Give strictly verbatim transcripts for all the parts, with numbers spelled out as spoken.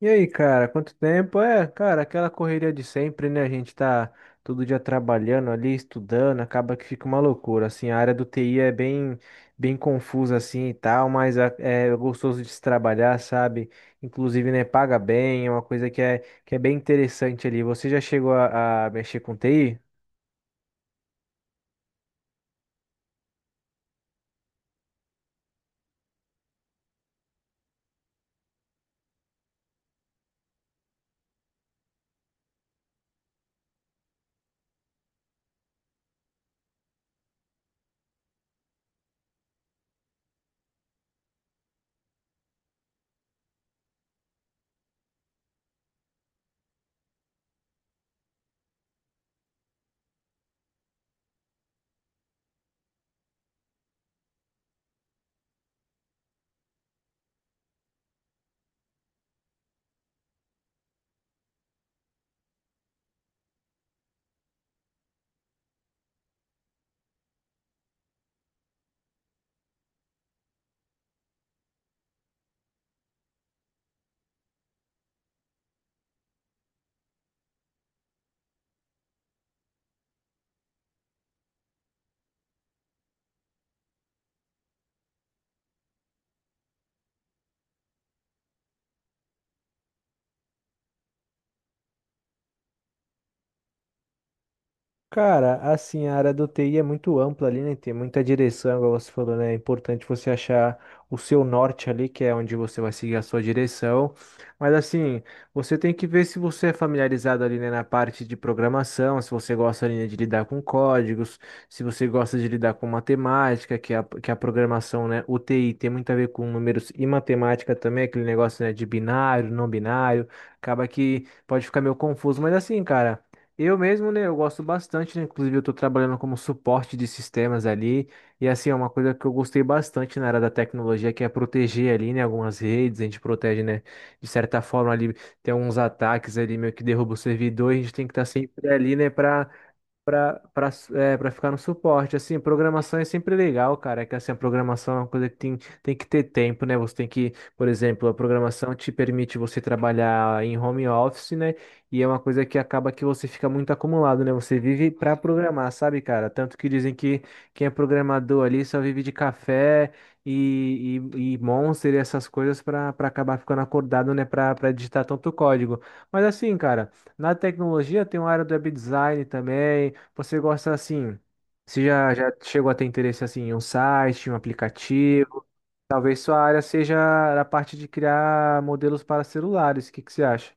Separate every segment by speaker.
Speaker 1: E aí, cara, quanto tempo? É, cara, aquela correria de sempre, né? A gente tá todo dia trabalhando ali, estudando, acaba que fica uma loucura. Assim, a área do T I é bem, bem confusa assim e tal, mas a- é gostoso de se trabalhar, sabe? Inclusive, né, paga bem, é uma coisa que é, que é bem interessante ali. Você já chegou a, a mexer com T I? Cara, assim, a área do T I é muito ampla ali, né? Tem muita direção, igual você falou, né? É importante você achar o seu norte ali, que é onde você vai seguir a sua direção. Mas assim, você tem que ver se você é familiarizado ali, né, na parte de programação, se você gosta ali, né, de lidar com códigos, se você gosta de lidar com matemática, que a, que a programação, né, o T I tem muito a ver com números e matemática também, aquele negócio, né, de binário, não binário. Acaba que pode ficar meio confuso, mas assim, cara. Eu mesmo, né, eu gosto bastante, né? Inclusive eu estou trabalhando como suporte de sistemas ali, e assim, é uma coisa que eu gostei bastante na área da tecnologia, que é proteger ali, né, algumas redes, a gente protege, né, de certa forma ali, tem alguns ataques ali meio que derruba o servidor, e a gente tem que estar sempre ali, né, para Pra, pra, é, pra ficar no suporte, assim, programação é sempre legal, cara, é que assim, a programação é uma coisa que tem, tem que ter tempo, né, você tem que, por exemplo, a programação te permite você trabalhar em home office, né, e é uma coisa que acaba que você fica muito acumulado, né, você vive pra programar, sabe, cara, tanto que dizem que quem é programador ali só vive de café e, e, e Monster e essas coisas pra, pra acabar ficando acordado, né, pra, pra digitar tanto código, mas assim, cara. Na tecnologia tem uma área do web design também. Você gosta assim? Você já, já chegou a ter interesse assim em um site, em um aplicativo? Talvez sua área seja a parte de criar modelos para celulares. O que que você acha?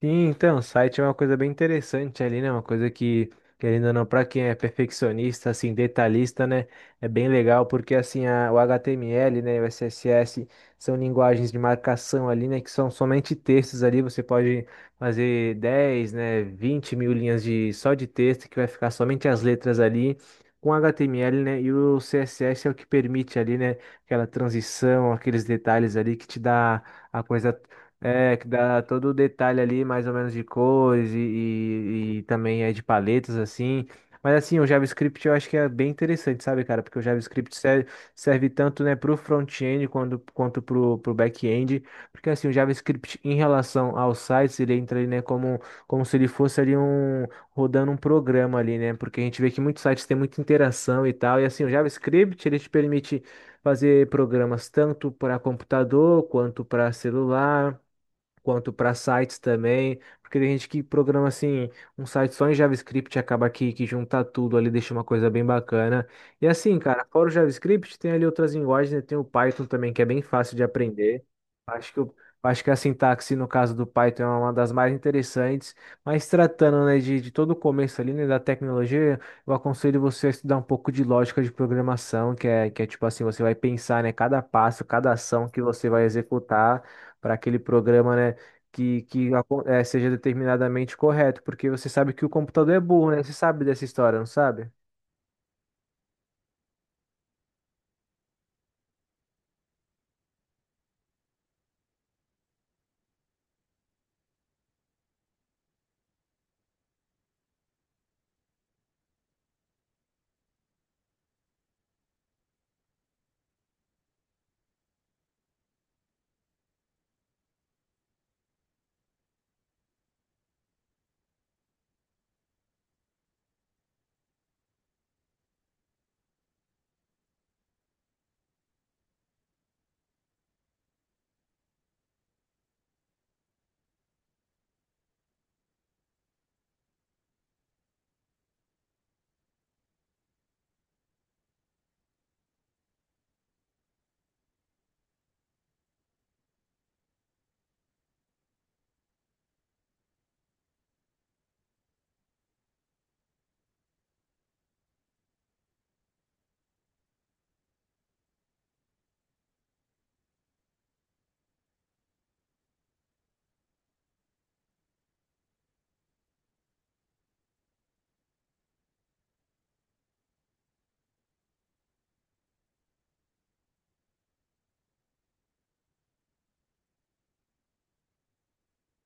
Speaker 1: Sim, então, site é uma coisa bem interessante ali, né? Uma coisa que, querendo ou não, para quem é perfeccionista, assim, detalhista, né? É bem legal, porque assim, a- o H T M L, né, e o C S S são linguagens de marcação ali, né? Que são somente textos ali. Você pode fazer dez né, vinte mil linhas de, só de texto, que vai ficar somente as letras ali. Com H T M L, né? E o C S S é o que permite ali, né? Aquela transição, aqueles detalhes ali que te dá a coisa é, que dá todo o detalhe ali, mais ou menos, de cores e, e- e também é de paletas, assim. Mas assim, o JavaScript eu acho que é bem interessante, sabe, cara? Porque o JavaScript serve, serve tanto, né, pro front-end quanto, quanto pro, pro back-end. Porque assim, o JavaScript em relação aos sites, ele entra ali, né, como, como se ele fosse ali um, rodando um programa ali, né? Porque a gente vê que muitos sites têm muita interação e tal. E assim, o JavaScript, ele te permite fazer programas tanto para computador quanto para celular quanto para sites também, porque tem gente que programa assim um site só em JavaScript e acaba que, que junta tudo ali, deixa uma coisa bem bacana. E assim, cara, fora o JavaScript, tem ali outras linguagens, né? Tem o Python também, que é bem fácil de aprender. Acho que o Acho que a sintaxe, no caso do Python, é uma das mais interessantes, mas tratando, né, de, de todo o começo ali, né, da tecnologia, eu aconselho você a estudar um pouco de lógica de programação, que é, que é tipo assim, você vai pensar, né, cada passo, cada ação que você vai executar para aquele programa, né? que, que acon- eh, seja determinadamente correto, porque você sabe que o computador é burro, né? Você sabe dessa história, não sabe?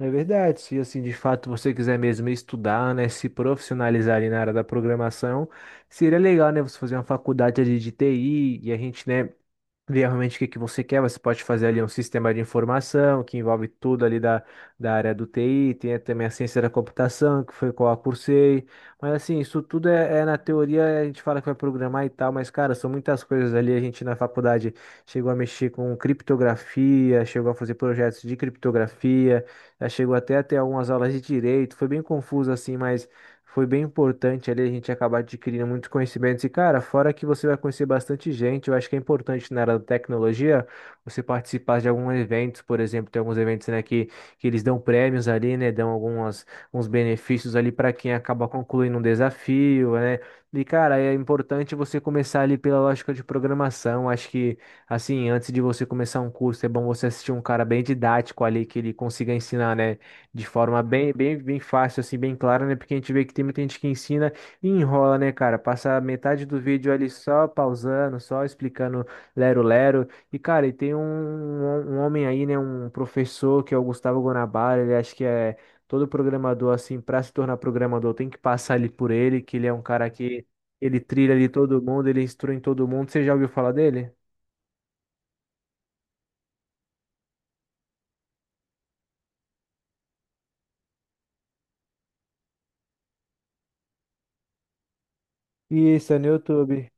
Speaker 1: É verdade, se assim de fato você quiser mesmo estudar, né, se profissionalizar ali na área da programação, seria legal, né, você fazer uma faculdade ali de T I e a gente, né, ver realmente o que que você quer. Você pode fazer ali um sistema de informação que envolve tudo ali da, da área do T I, tem também a ciência da computação, que foi qual eu cursei. Mas assim, isso tudo é, é na teoria, a gente fala que vai programar e tal, mas cara, são muitas coisas ali. A gente na faculdade chegou a mexer com criptografia, chegou a fazer projetos de criptografia, já chegou até a ter algumas aulas de direito, foi bem confuso assim, mas. Foi bem importante ali a gente acabar adquirindo muitos conhecimentos. E, cara, fora que você vai conhecer bastante gente, eu acho que é importante na área da tecnologia você participar de alguns eventos, por exemplo, tem alguns eventos, né, que, que eles dão prêmios ali, né, dão algumas, uns benefícios ali para quem acaba concluindo um desafio, né. E, cara, é importante você começar ali pela lógica de programação. Acho que, assim, antes de você começar um curso, é bom você assistir um cara bem didático ali, que ele consiga ensinar, né? De forma bem, bem, bem fácil, assim, bem clara, né? Porque a gente vê que tem muita gente que ensina e enrola, né, cara? Passa metade do vídeo ali só pausando, só explicando lero-lero. E, cara, e tem um, um homem aí, né? Um professor que é o Gustavo Guanabara, ele acha que é todo programador, assim, para se tornar programador tem que passar ali por ele, que ele é um cara que ele trilha ali todo mundo, ele instrui em todo mundo. Você já ouviu falar dele? Isso, é no YouTube.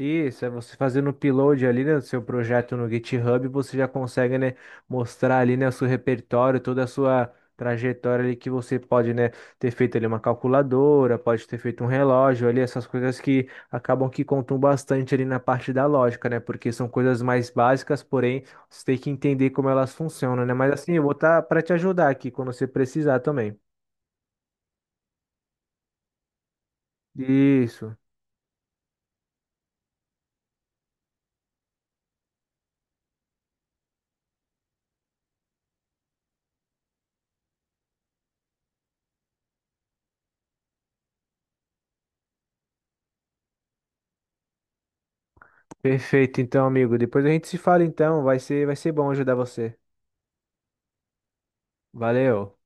Speaker 1: Isso, é você fazendo o upload ali, né, do seu projeto no GitHub, você já consegue, né, mostrar ali, né, o seu repertório, toda a sua trajetória ali que você pode, né, ter feito ali uma calculadora, pode ter feito um relógio ali, essas coisas que acabam que contam bastante ali na parte da lógica, né, porque são coisas mais básicas, porém, você tem que entender como elas funcionam, né, mas assim, eu vou estar para te ajudar aqui quando você precisar também. Isso, perfeito, então, amigo, depois a gente se fala, então, vai ser, vai ser bom ajudar você. Valeu.